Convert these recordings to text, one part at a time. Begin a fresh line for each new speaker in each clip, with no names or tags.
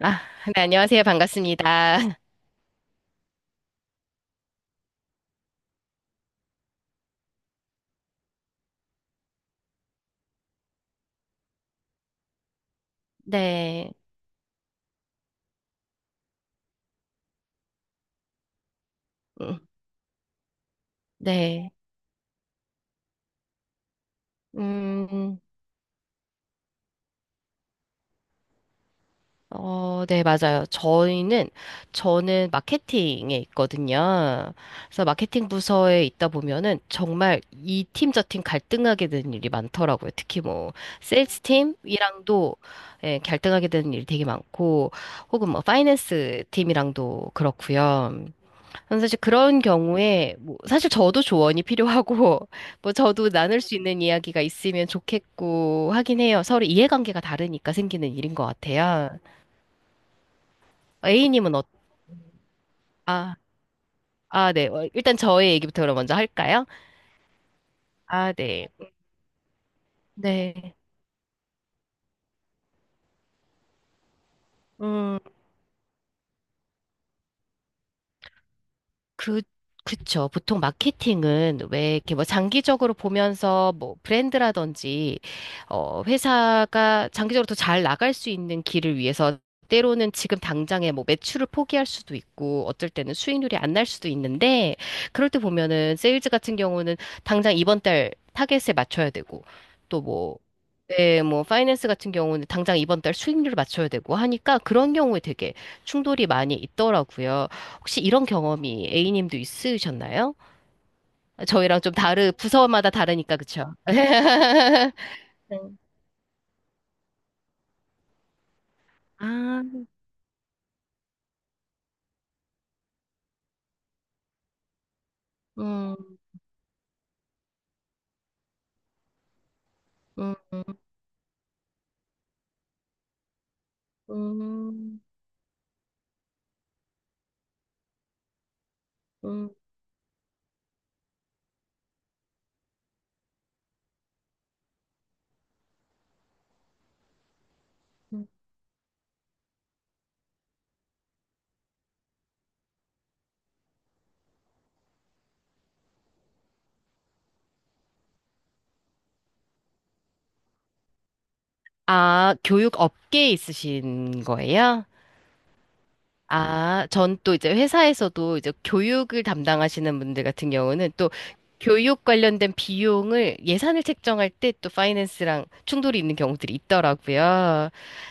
아, 네, 안녕하세요. 반갑습니다. 네, 음, 네, 음, 어, 네, 맞아요. 저는 마케팅에 있거든요. 그래서 마케팅 부서에 있다 보면은 정말 이 팀 저 팀 갈등하게 되는 일이 많더라고요. 특히 뭐, 세일스 팀이랑도 예, 갈등하게 되는 일이 되게 많고, 혹은 뭐, 파이낸스 팀이랑도 그렇고요. 저는 사실 그런 경우에 뭐 사실 저도 조언이 필요하고 뭐 저도 나눌 수 있는 이야기가 있으면 좋겠고 하긴 해요. 서로 이해관계가 다르니까 생기는 일인 것 같아요. A님은 아, 아, 네. 일단 저의 얘기부터 그럼 먼저 할까요? 아, 네. 네. 음. 그, 그쵸. 보통 마케팅은 왜 이렇게 뭐 장기적으로 보면서 뭐 브랜드라든지, 회사가 장기적으로 더 잘 나갈 수 있는 길을 위해서 때로는 지금 당장에 뭐 매출을 포기할 수도 있고, 어쩔 때는 수익률이 안 날 수도 있는데, 그럴 때 보면은 세일즈 같은 경우는 당장 이번 달 타겟에 맞춰야 되고, 또뭐 네, 뭐 파이낸스 같은 경우는 당장 이번 달 수익률을 맞춰야 되고 하니까 그런 경우에 되게 충돌이 많이 있더라고요. 혹시 이런 경험이 A님도 있으셨나요? 저희랑 좀 다르 부서마다 다르니까 그쵸? 네. 아, 음, 음, 음, 음, 음. 아, 교육 업계에 있으신 거예요? 아, 전 또 이제 회사에서도 이제 교육을 담당하시는 분들 같은 경우는 또 교육 관련된 비용을 예산을 책정할 때 또 파이낸스랑 충돌이 있는 경우들이 있더라고요.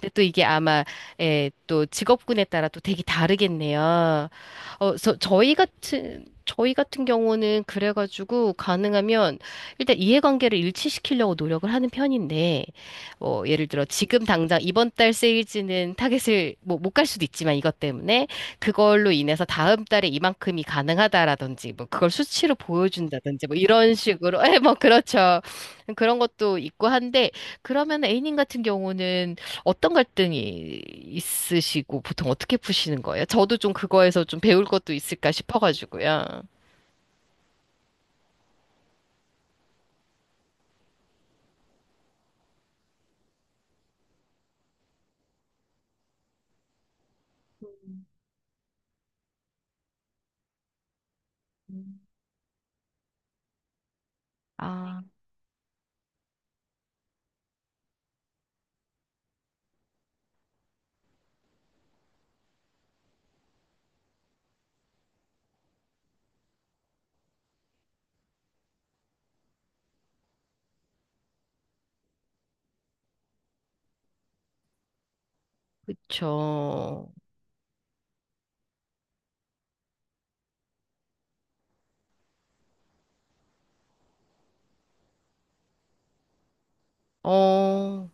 근데 또 이게 아마 예, 또 직업군에 따라 또 되게 다르겠네요. 저희 같은 경우는 그래가지고 가능하면 일단 이해관계를 일치시키려고 노력을 하는 편인데 뭐 예를 들어 지금 당장 이번 달 세일즈는 타겟을 뭐 못 갈 수도 있지만 이것 때문에 그걸로 인해서 다음 달에 이만큼이 가능하다라든지 뭐 그걸 수치로 보여준다든지 뭐 이런 식으로 예, 뭐 그렇죠. 그런 것도 있고 한데 그러면 A님 같은 경우는 어떤 갈등이 있으시고 보통 어떻게 푸시는 거예요? 저도 좀 그거에서 좀 배울 것도 있을까 싶어가지고요. 아, 그쵸. 어,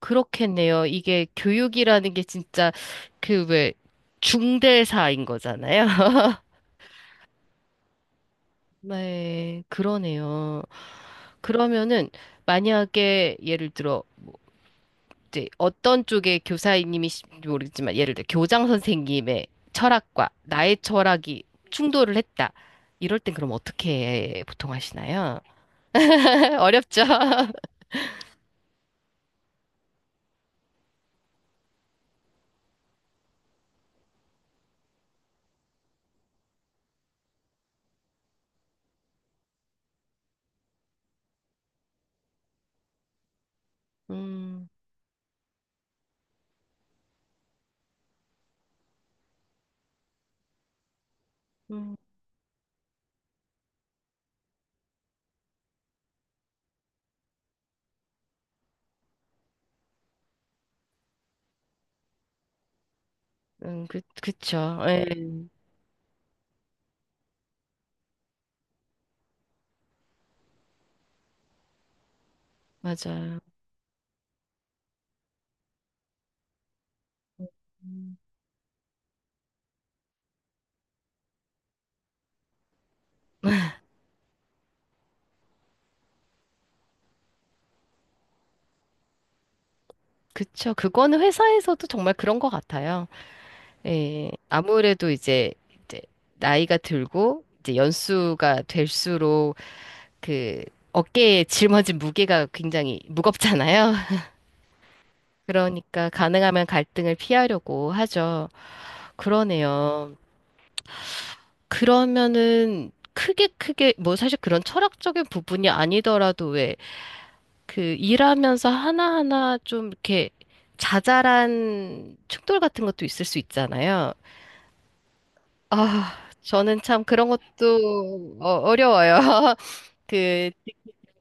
그렇겠네요. 이게 교육이라는 게 진짜 그 왜 중대사인 거잖아요. 네, 그러네요. 그러면은 만약에 예를 들어 이제 어떤 쪽의 교사님이신지 모르겠지만 예를 들어 교장 선생님의 철학과 나의 철학이 충돌을 했다. 이럴 땐 그럼 어떻게 보통 하시나요? 어렵죠. 음, 음, 그쵸. 예, 맞아요. 음. 그쵸. 그거는 회사에서도 정말 그런 것 같아요. 예. 아무래도 이제, 나이가 들고 이제 연수가 될수록 그 어깨에 짊어진 무게가 굉장히 무겁잖아요. 그러니까 가능하면 갈등을 피하려고 하죠. 그러네요. 그러면은 크게 크게 뭐 사실 그런 철학적인 부분이 아니더라도 왜 그 일하면서 하나하나 좀 이렇게 자잘한 충돌 같은 것도 있을 수 있잖아요. 아, 저는 참 그런 것도 어려워요. 그,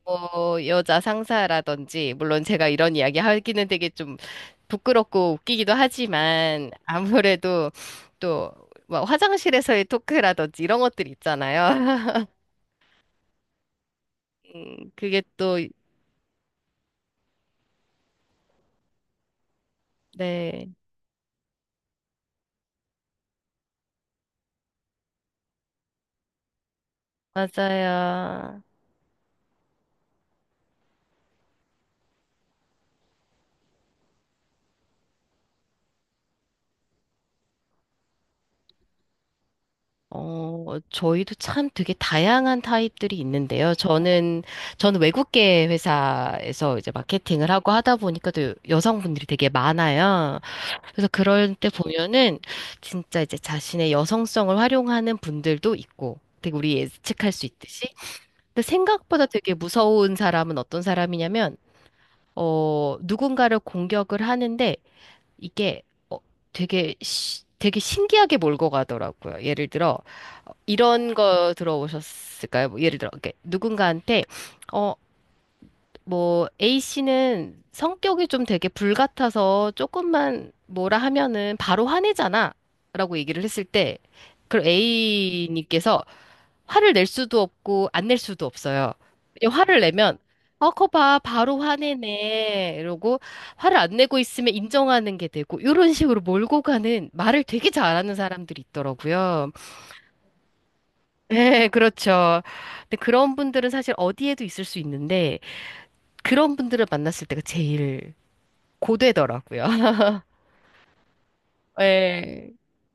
뭐, 여자 상사라든지, 물론 제가 이런 이야기 하기는 되게 좀 부끄럽고 웃기기도 하지만, 아무래도 또, 뭐 화장실에서의 토크라든지 이런 것들 있잖아요. 그게 또, 네, 맞아요. 저희도 참 되게 다양한 타입들이 있는데요. 저는 외국계 회사에서 이제 마케팅을 하고 하다 보니까 또 여성분들이 되게 많아요. 그래서 그럴 때 보면은 진짜 이제 자신의 여성성을 활용하는 분들도 있고 되게 우리 예측할 수 있듯이. 근데 생각보다 되게 무서운 사람은 어떤 사람이냐면, 누군가를 공격을 하는데 이게 어, 되게 신기하게 몰고 가더라고요. 예를 들어, 이런 거 들어보셨을까요? 뭐 예를 들어, 이렇게 누군가한테, 어, 뭐, A씨는 성격이 좀 되게 불같아서 조금만 뭐라 하면은 바로 화내잖아. 라고 얘기를 했을 때, 그럼 A님께서 화를 낼 수도 없고, 안 낼 수도 없어요. 이 화를 내면, 어, 거 봐, 바로 화내네. 이러고, 화를 안 내고 있으면 인정하는 게 되고, 이런 식으로 몰고 가는 말을 되게 잘하는 사람들이 있더라고요. 네, 그렇죠. 근데 그런 분들은 사실 어디에도 있을 수 있는데, 그런 분들을 만났을 때가 제일 고되더라고요. 네.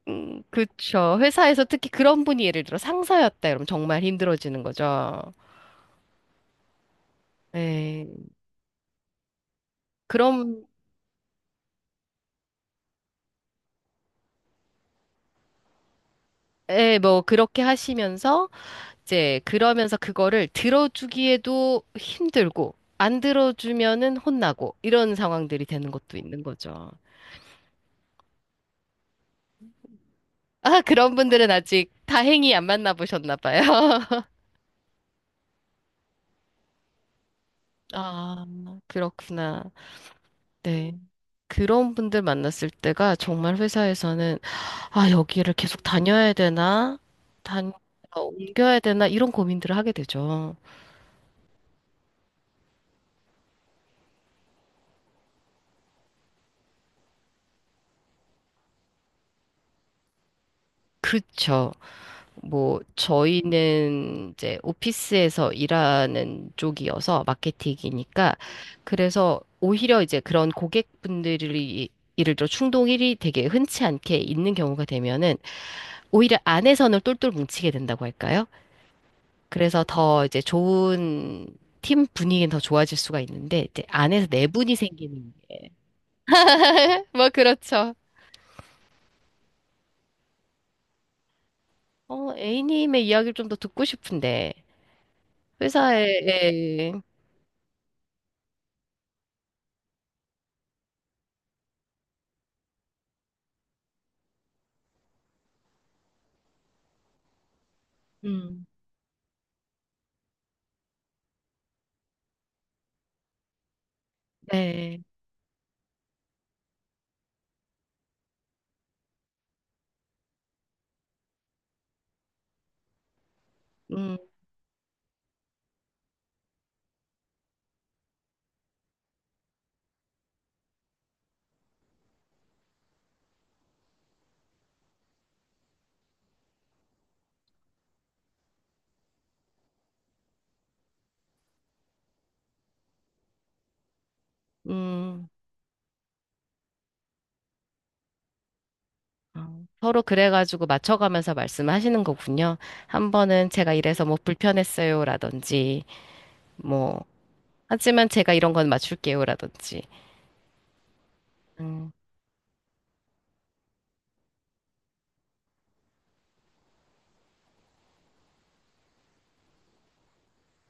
그쵸. 회사에서 특히 그런 분이 예를 들어 상사였다 그러면 정말 힘들어지는 거죠. 네. 그럼, 예, 뭐, 그렇게 하시면서, 이제, 그러면서 그거를 들어주기에도 힘들고, 안 들어주면은 혼나고, 이런 상황들이 되는 것도 있는 거죠. 아, 그런 분들은 아직 다행히 안 만나보셨나 봐요. 아, 그렇구나. 네. 그런 분들 만났을 때가 정말 회사에서는, 아, 여기를 계속 다녀야 되나? 단, 옮겨야 되나? 이런 고민들을 하게 되죠. 그쵸. 뭐, 저희는 이제 오피스에서 일하는 쪽이어서 마케팅이니까, 그래서 오히려 이제 그런 고객분들이 예를 들어 충동 일이 되게 흔치 않게 있는 경우가 되면은 오히려 안에서는 똘똘 뭉치게 된다고 할까요? 그래서 더 이제 좋은 팀 분위기는 더 좋아질 수가 있는데 이제 안에서 내분이 생기는 게. 뭐 그렇죠. A님의 이야기를 좀 더 듣고 싶은데 회사에 예. 음. 네. 음. 음. 서로 그래가지고 맞춰가면서 말씀하시는 거군요. 한 번은 제가 이래서 뭐 불편했어요라든지 뭐 하지만 제가 이런 건 맞출게요라든지. 음.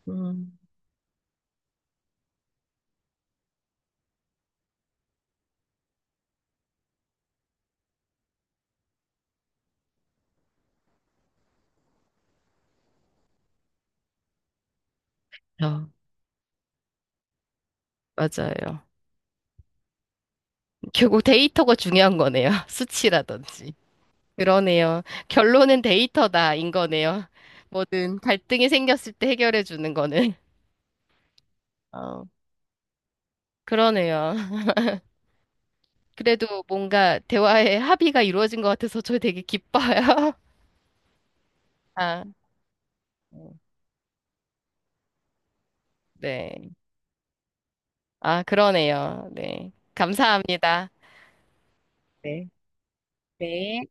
음. 어, 맞아요. 결국 데이터가 중요한 거네요. 수치라든지. 그러네요. 결론은 데이터다인 거네요. 뭐든 갈등이 생겼을 때 해결해 주는 거는. 어, 그러네요. 그래도 뭔가 대화의 합의가 이루어진 것 같아서 저 되게 기뻐요. 아, 네. 아, 그러네요. 네. 감사합니다. 네. 네.